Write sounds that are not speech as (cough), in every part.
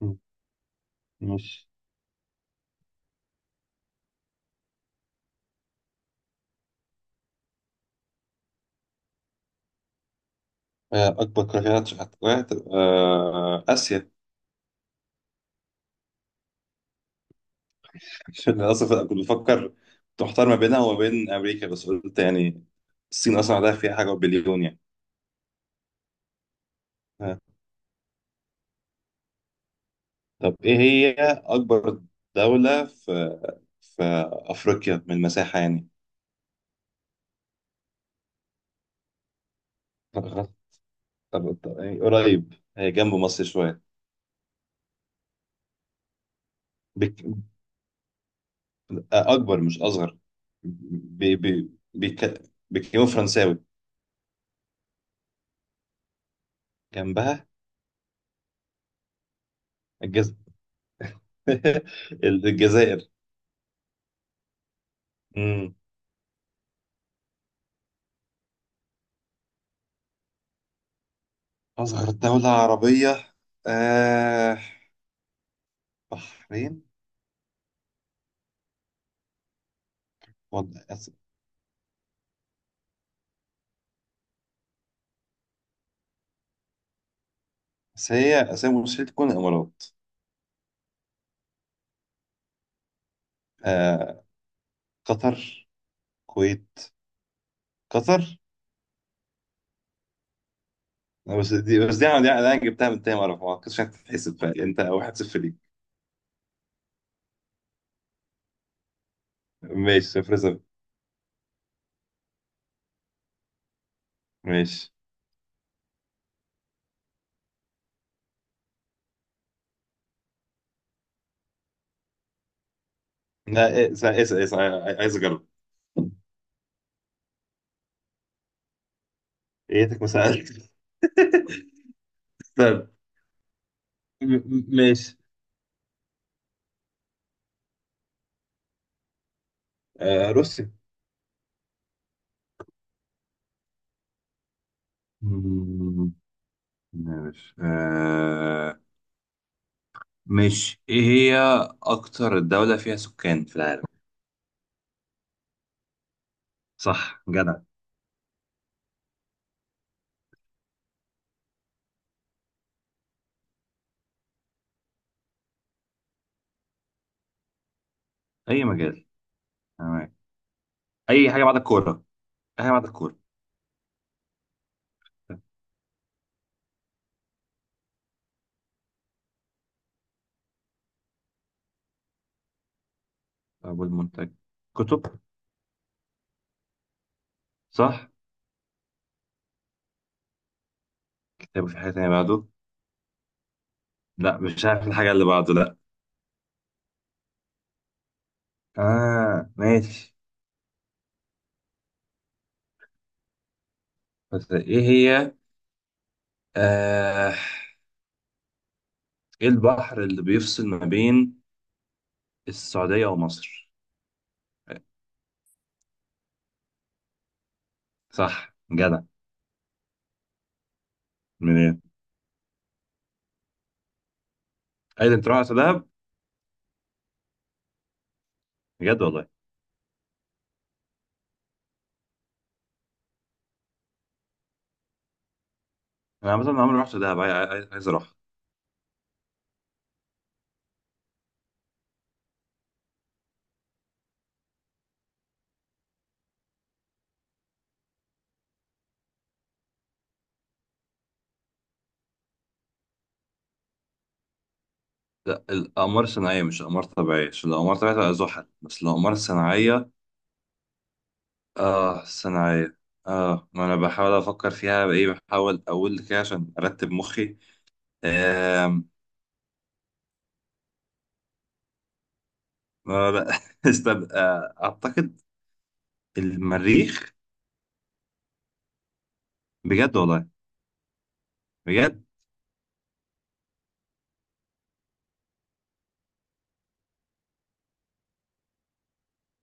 مم. ماشي. أكبر قارة هتبقى آسيا. (laughs) عشان أصلا كنت بفكر. كنت محتار ما بينها وما بين أمريكا بس قلت يعني الصين أصلا عندها فيها حاجة بليون يعني. آه. طب إيه هي أكبر دولة في أفريقيا من المساحة يعني. (laughs) طب- يعني قريب هي جنب مصر شوية. بك... آه، أكبر مش أصغر. بي... بي... بيك... بيتكلموا فرنساوي جنبها. الجز... (laughs) الجزائر. أصغر دولة عربية آه، بحرين. ولا أس- بس هي آسيا مستحيل تكون الإمارات. آه، قطر، الكويت، قطر. آه، بس دي أنا جبتها من تاني مرة، ما كنتش هتتحسب، فأنت واحد صفر ليك. ماشي، صفر صفر. ماشي. لا إيه، اسأل اسأل، عايز أجرب. إيتك ما سألت. طب (laughs) ماشي. آه، روسيا. مم، ماشي. آه ماشي، ايه هي اكتر دولة فيها سكان في العالم؟ صح جدع. اي مجال. تمام. اي حاجه بعد الكوره. اي حاجه بعد الكوره. ابو المنتج، كتب. صح، كتاب في حاجه تانيه بعده. لا مش عارف الحاجه اللي بعده، لا. اه ماشي. بس ايه هي، آه، ايه البحر اللي بيفصل ما بين السعوديه ومصر؟ صح جدع. من ايه؟ عايز انت تروح على دهب؟ بجد والله. انا مثلا عمري ما رحت دهب، عايز اروح. لا الاقمار الصناعيه مش اقمار طبيعيه، عشان الاقمار الطبيعيه تبقى زحل، بس الاقمار الصناعيه. اه صناعية. اه ما انا بحاول افكر فيها بايه، بحاول اقول كده عشان ارتب مخي. آم، ما لا (laughs) اعتقد المريخ. بجد والله. بجد.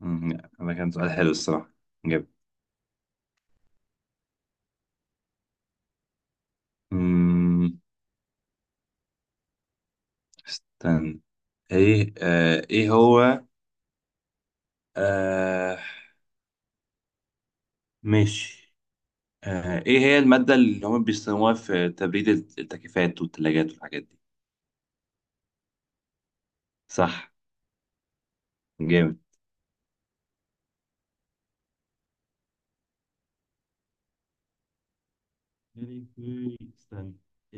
لا، ده كان سؤال حلو الصراحة. جاب. مم، استنى. ايه آه، ايه هو، آه، ماشي. آه، ايه هي المادة اللي هم بيستخدموها في تبريد التكييفات والثلاجات والحاجات دي؟ صح جامد. يعني استنى،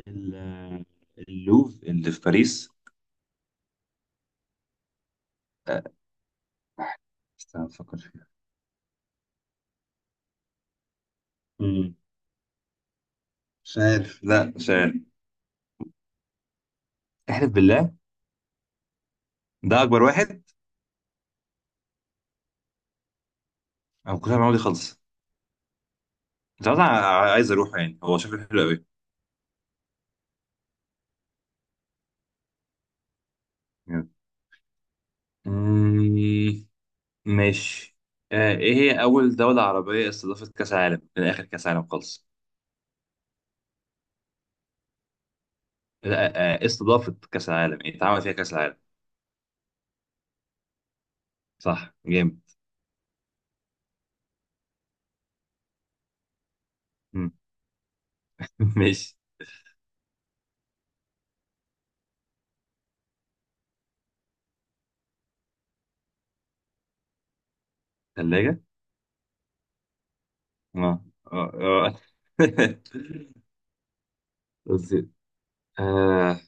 ال- اللوف اللي في باريس. آه، استنى افكر فيها. مم. مش عارف، لا مش عارف. احلف بالله. ده اكبر واحد؟ انا ما كنتش عارف المعلومة دي خالص. مش عارف أنا. عايز اروحه، يعني هو شكله حلو قوي. مم، ماشي. آه، ايه هي اول دولة عربية استضافت كأس العالم من اخر كأس العالم خالص؟ لا آه، استضافت كأس العالم يعني اتعمل فيها كأس العالم. صح جامد. مم. (laughs) ماشي. ثلاجة. اه، آه، آه. (laughs) رز. آه.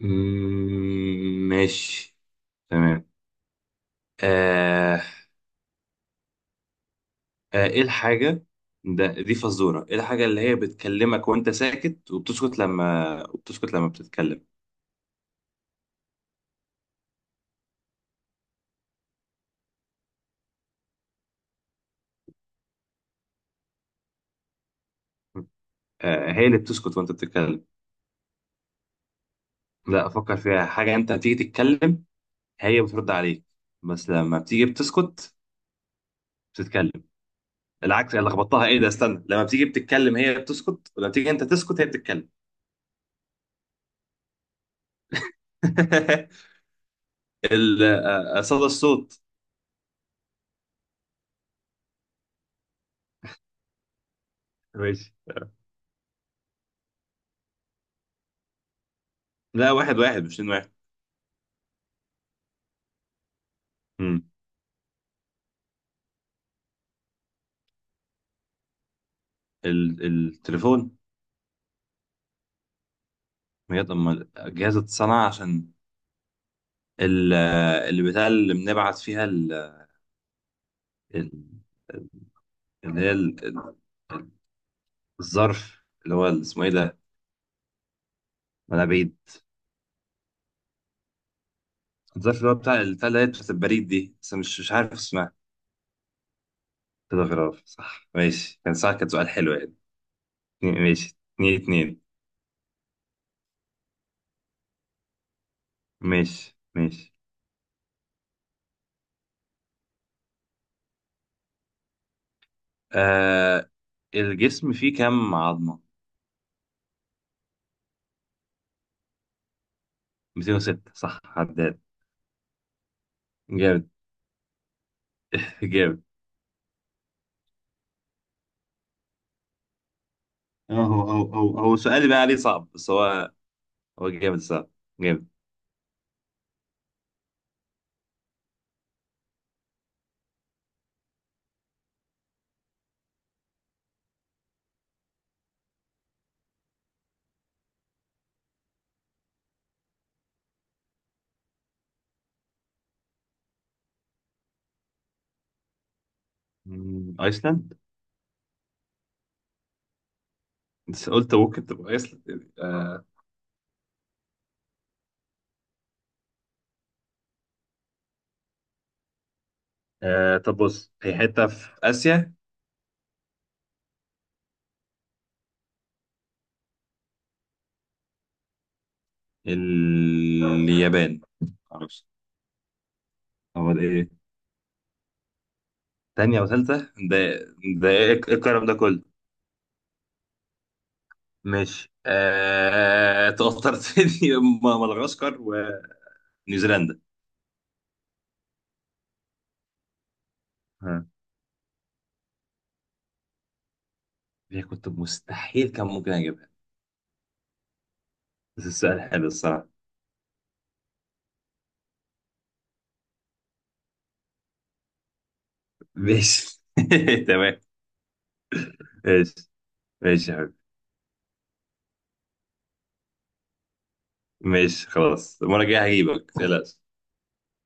ماشي. تمام. آه. آه، ايه الحاجة، ده دي فزورة، ايه الحاجة اللي هي بتكلمك وانت ساكت وبتسكت لما بتتكلم؟ آه، هي اللي بتسكت وانت بتتكلم. لا افكر فيها حاجة، انت بتيجي تتكلم هي بترد عليك، بس لما بتيجي بتسكت بتتكلم. العكس انا لخبطتها. ايه ده، استنى، لما بتيجي بتتكلم هي بتسكت، ولما تيجي انت تسكت هي بتتكلم. (laughs) صدى الصوت. ماشي. لا واحد واحد مش اتنين واحد. امم، التليفون. بجد اما الجهاز اتصنع عشان ال- اللي بتاع اللي بنبعت فيها ال- اللي هي الظرف اللي هو اسمه ايه ده، منابيد. الظرف اللي هو بتاع اللي هي بتاعت البريد دي، بس مش عارف اسمها. تلغراف، صح ماشي، كان صح، كان سؤال حلو يعني. ماشي اتنين اتنين. ماشي ماشي. آه، الجسم فيه كام عظمة؟ 206. صح عداد جامد. (laughs) جامد. اه هو السؤال اللي بقى عليه صعب، بس هو هو جامد، صعب جامد. ايسلاند. بس قلت ممكن تبقى ايسلاند يعني. آه. آه. طب بص هي حتة في آسيا. اليابان. معرفش. هو ده ايه؟ تانية وثالثة ده؟ ده ايه الكلام ده كله؟ ماشي آه... توترت لي. (laughs) مدغشقر ونيوزيلندا. ها، دي كنت مستحيل كان ممكن اجيبها. بس السؤال حلو الصراحة. ماشي (laughs) تمام. ماشي. ماشي يا حبيبي. ماشي خلاص، المرة الجاية هجيبك، لا